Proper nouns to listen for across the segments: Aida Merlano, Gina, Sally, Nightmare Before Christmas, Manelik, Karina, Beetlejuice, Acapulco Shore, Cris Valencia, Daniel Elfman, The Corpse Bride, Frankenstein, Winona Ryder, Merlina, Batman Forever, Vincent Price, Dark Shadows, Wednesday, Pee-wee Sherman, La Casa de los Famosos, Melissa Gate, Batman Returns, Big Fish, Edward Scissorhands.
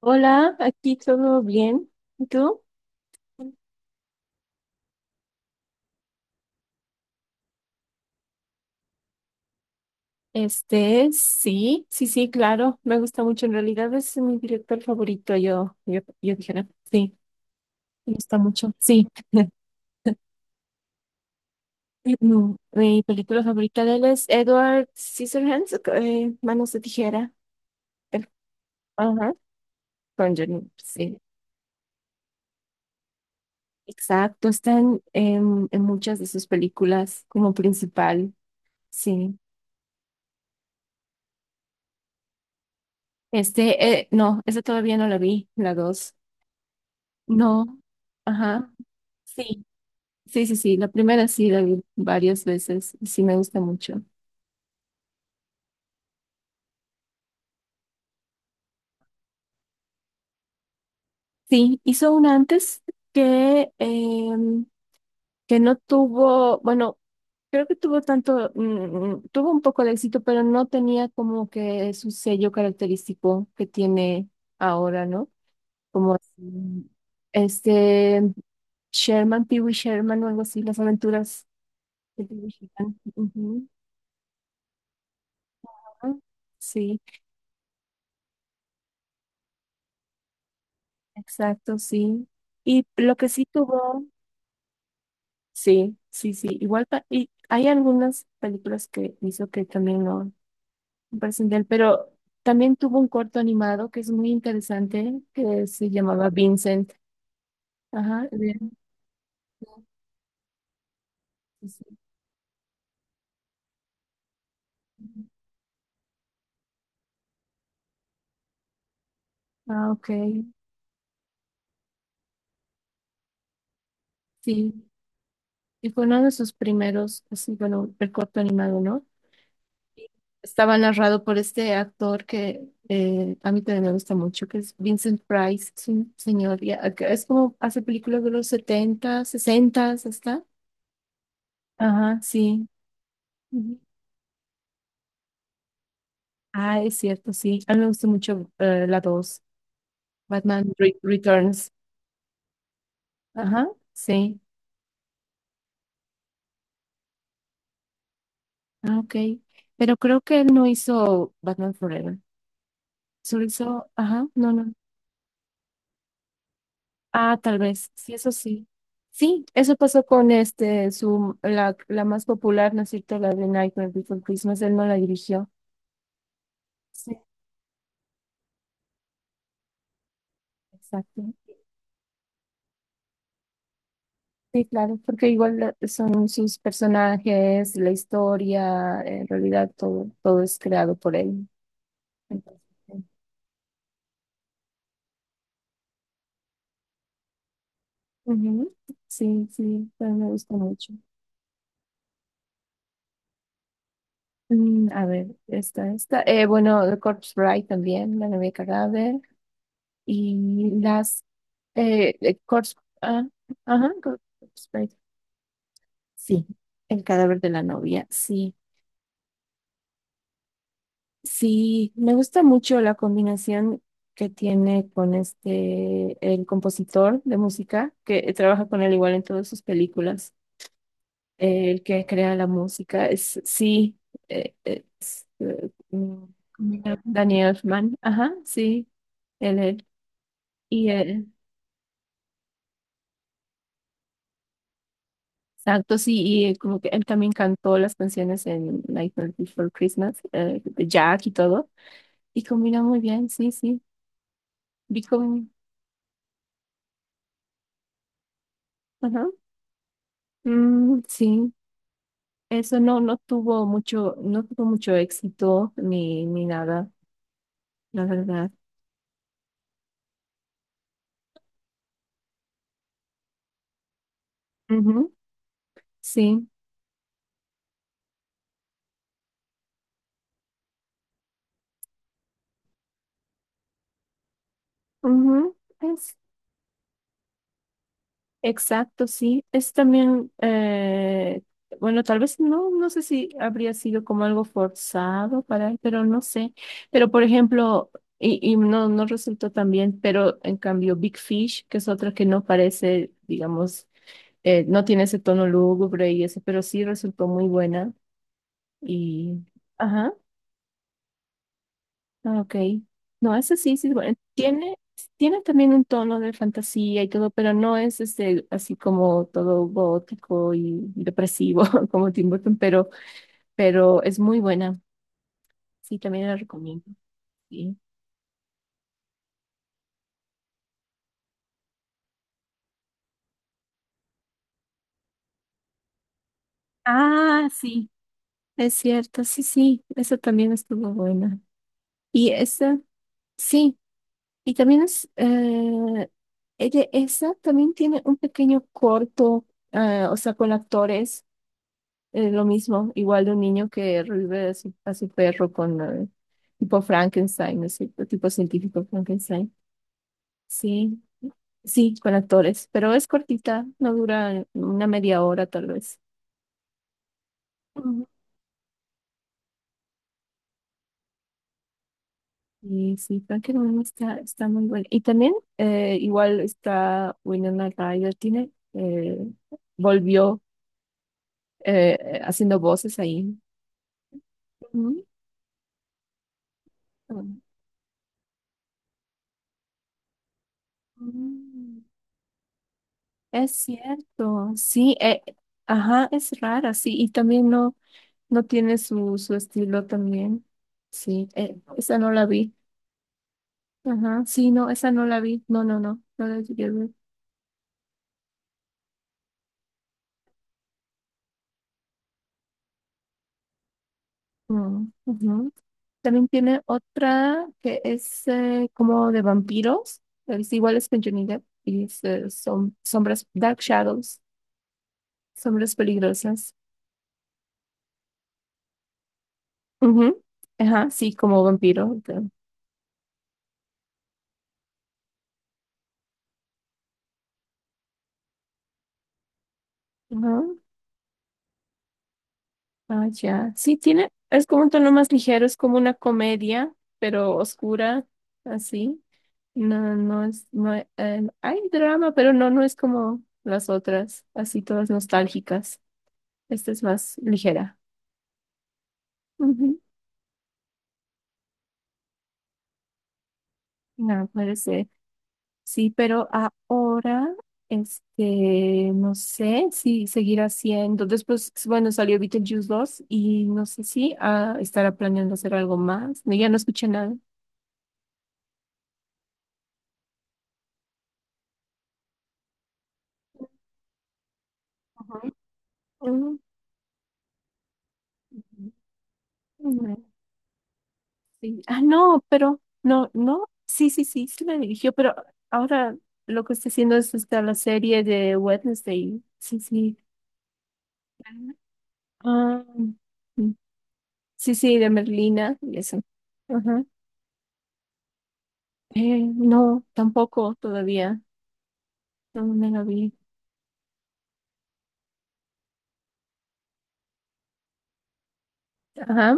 Hola, aquí todo bien. ¿Y tú? Sí, sí, sí, claro, me gusta mucho. En realidad es mi director favorito, yo dijera, sí, me gusta mucho, sí. Mi película favorita de él es Edward Scissorhands, Manos de Tijera. El- Ajá, con Johnny Depp, sí. Exacto, están en muchas de sus películas como principal, sí. No, esa todavía no la vi, la dos. No, ajá. Sí, sí, sí, sí. La primera sí la vi varias veces y sí me gusta mucho. Sí, hizo una antes que, em, que no tuvo, bueno, creo que tuvo tanto, tuvo un poco de éxito, pero no tenía como que su sello característico que tiene ahora, ¿no? Como así, este Sherman, Pee-wee Sherman o algo así, las aventuras de Pee-wee Sherman. Ujú. Ah, sí, exacto, sí. Y lo que sí tuvo. Sí, sí, sí. Igual y hay algunas películas que hizo que también no me parecen de él, pero también tuvo un corto animado que es muy interesante, que se llamaba Vincent. Ajá. Sí, sí. Ah, ok. Sí. Y fue uno de sus primeros, así, bueno, el corto animado, ¿no? Y estaba narrado por este actor que a mí también me gusta mucho, que es Vincent Price, es un señor, ya, que es como hace películas de los 70, 60, hasta. Ajá, sí. Ujú. Ah, es cierto, sí. A mí me gustó mucho la 2 Batman Returns. Ajá, sí. Ah, ok. Pero creo que él no hizo Batman Forever. Solo hizo, ajá, no, no. Ah, tal vez, sí, eso sí. Sí, eso pasó con la más popular, ¿no es cierto? La de Nightmare Before Christmas, él no la dirigió. Sí, exacto. Sí, claro, porque igual son sus personajes, la historia, en realidad todo es creado por él. Entonces, eh, ujú, sí, sí, pero me gusta mucho. A ver, esta, esta. Bueno, The Corpse Bride también, La novia cadáver. Y las. Corpse. Ah, ajá, Corpse Bride. Sí, el cadáver de la novia, sí. Sí, me gusta mucho la combinación que tiene con el compositor de música, que trabaja con él igual en todas sus películas, el que crea la música, es, sí, es, Daniel Elfman, ajá, sí, él, y él, exacto, sí, y como que él también cantó las canciones en Nightmare Before Christmas, de Jack y todo, y combina muy bien, sí, sí, vi como, ajá, mm, sí. Eso no, tuvo mucho, no tuvo mucho éxito ni nada, la verdad. Ujú, sí, ujú, es exacto, sí. Es también, bueno, tal vez no, no sé si habría sido como algo forzado para él, pero no sé. Pero por ejemplo, y no resultó tan bien, pero en cambio Big Fish, que es otra que no parece, digamos, no tiene ese tono lúgubre y eso, pero sí resultó muy buena y, ajá. Ah, ok. No, ese sí, sí, es bueno, tiene también un tono de fantasía y todo, pero no es así como todo gótico y depresivo como Tim Burton, pero, es muy buena. Sí, también la recomiendo. Sí. Ah, sí, es cierto, sí, sí, esa también estuvo buena. Y esa, sí, y también es, ella, esa también tiene un pequeño corto, o sea, con actores. Es lo mismo, igual de un niño que revive a su perro con tipo Frankenstein, ¿no es cierto? Tipo científico Frankenstein. Sí, sí, con actores, pero es cortita, no dura una media hora tal vez. Ujú. Y sí, Frankenstein está muy bueno. Y también igual está Winona Ryder, tiene, volvió haciendo voces ahí. Ujú. Mm. Es cierto, sí, ajá, es rara, sí, y también no tiene su estilo también, sí, esa no la vi, ajá, sí, no, esa no la vi, no, no, no, no la llegué a ver, no, ujú. También tiene otra que es como de vampiros, es igual es con Johnny Depp, y es, son sombras, Dark Shadows, sombras peligrosas, ujú, ajá, sí, como vampiro, ajá, ah, ya. Sí, tiene, es como un tono más ligero, es como una comedia, pero oscura, así. No, no es, no, hay drama, pero no es como las otras, así todas nostálgicas. Esta es más ligera. Ujú. No, puede ser. Sí, pero ahora, no sé si seguirá siendo. Después, bueno, salió Beetlejuice 2 y no sé si estará planeando hacer algo más. No, ya no escuché nada. Ujú. Ujú. Mm, sí. Ah, no, pero no, no, sí, sí, sí, sí me dirigió, pero ahora lo que está haciendo es esta la serie de Wednesday. Sí, sí. Ah, mm, sí, sí, de Merlina y eso. Ajá. No, tampoco todavía. No me la vi. Ajá.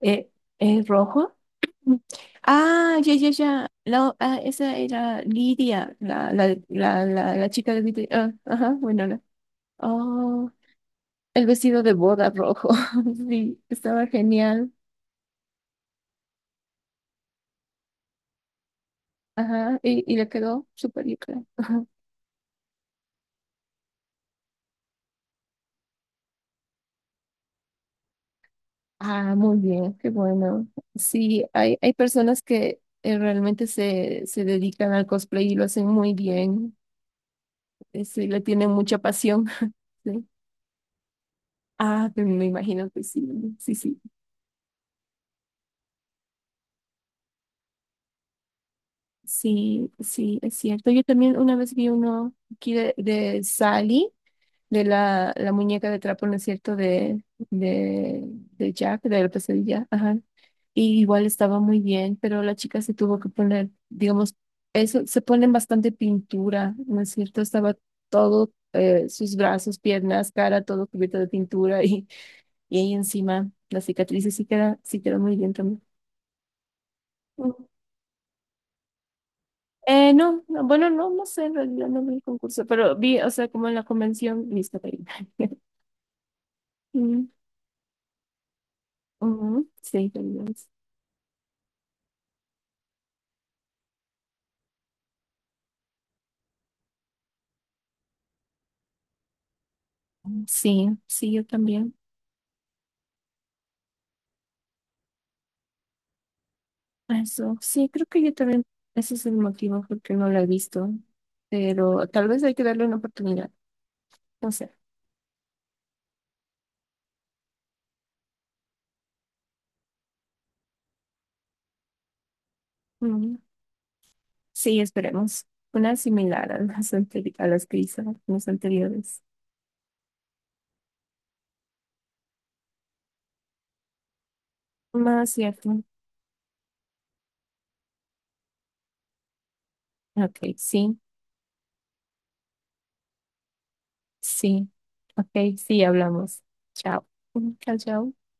Eh, rojo. Mm. Ah, ya, ya, ya. Esa era Lidia, la chica de Lidia. Ah, ajá, bueno, la. Oh. El vestido de boda rojo, sí, estaba genial. Ajá, y le quedó súper bien. Ah, muy bien, qué bueno. Sí, hay personas que realmente se dedican al cosplay y lo hacen muy bien. Sí, le tienen mucha pasión. Sí. Ah, pero me imagino que sí, sí, sí. Sí, sí, es cierto. Yo también una vez vi uno aquí de Sally. De la muñeca de trapo, ¿no es cierto? De, de Jack, de la pesadilla, ajá. Y igual estaba muy bien, pero la chica se tuvo que poner, digamos, eso, se ponen bastante pintura, ¿no es cierto? Estaba todo, sus brazos, piernas, cara, todo cubierto de pintura y ahí encima las cicatrices sí queda muy bien también. Mm. No, no, bueno, no, no sé, en realidad no vi el concurso, pero vi, o sea, como en la convención, lista para ir. Mm, ujú, sí, también. Sí, sí, yo también. Eso, sí, creo que yo también, ese es el motivo por qué no la he visto, pero tal vez hay que darle una oportunidad, no sé. Mm, sí, esperemos. Una similar a las que hizo las anteriores. Más cierto. Ok, sí, sí. Ok, sí, hablamos. Chao. Mm, chao, chao.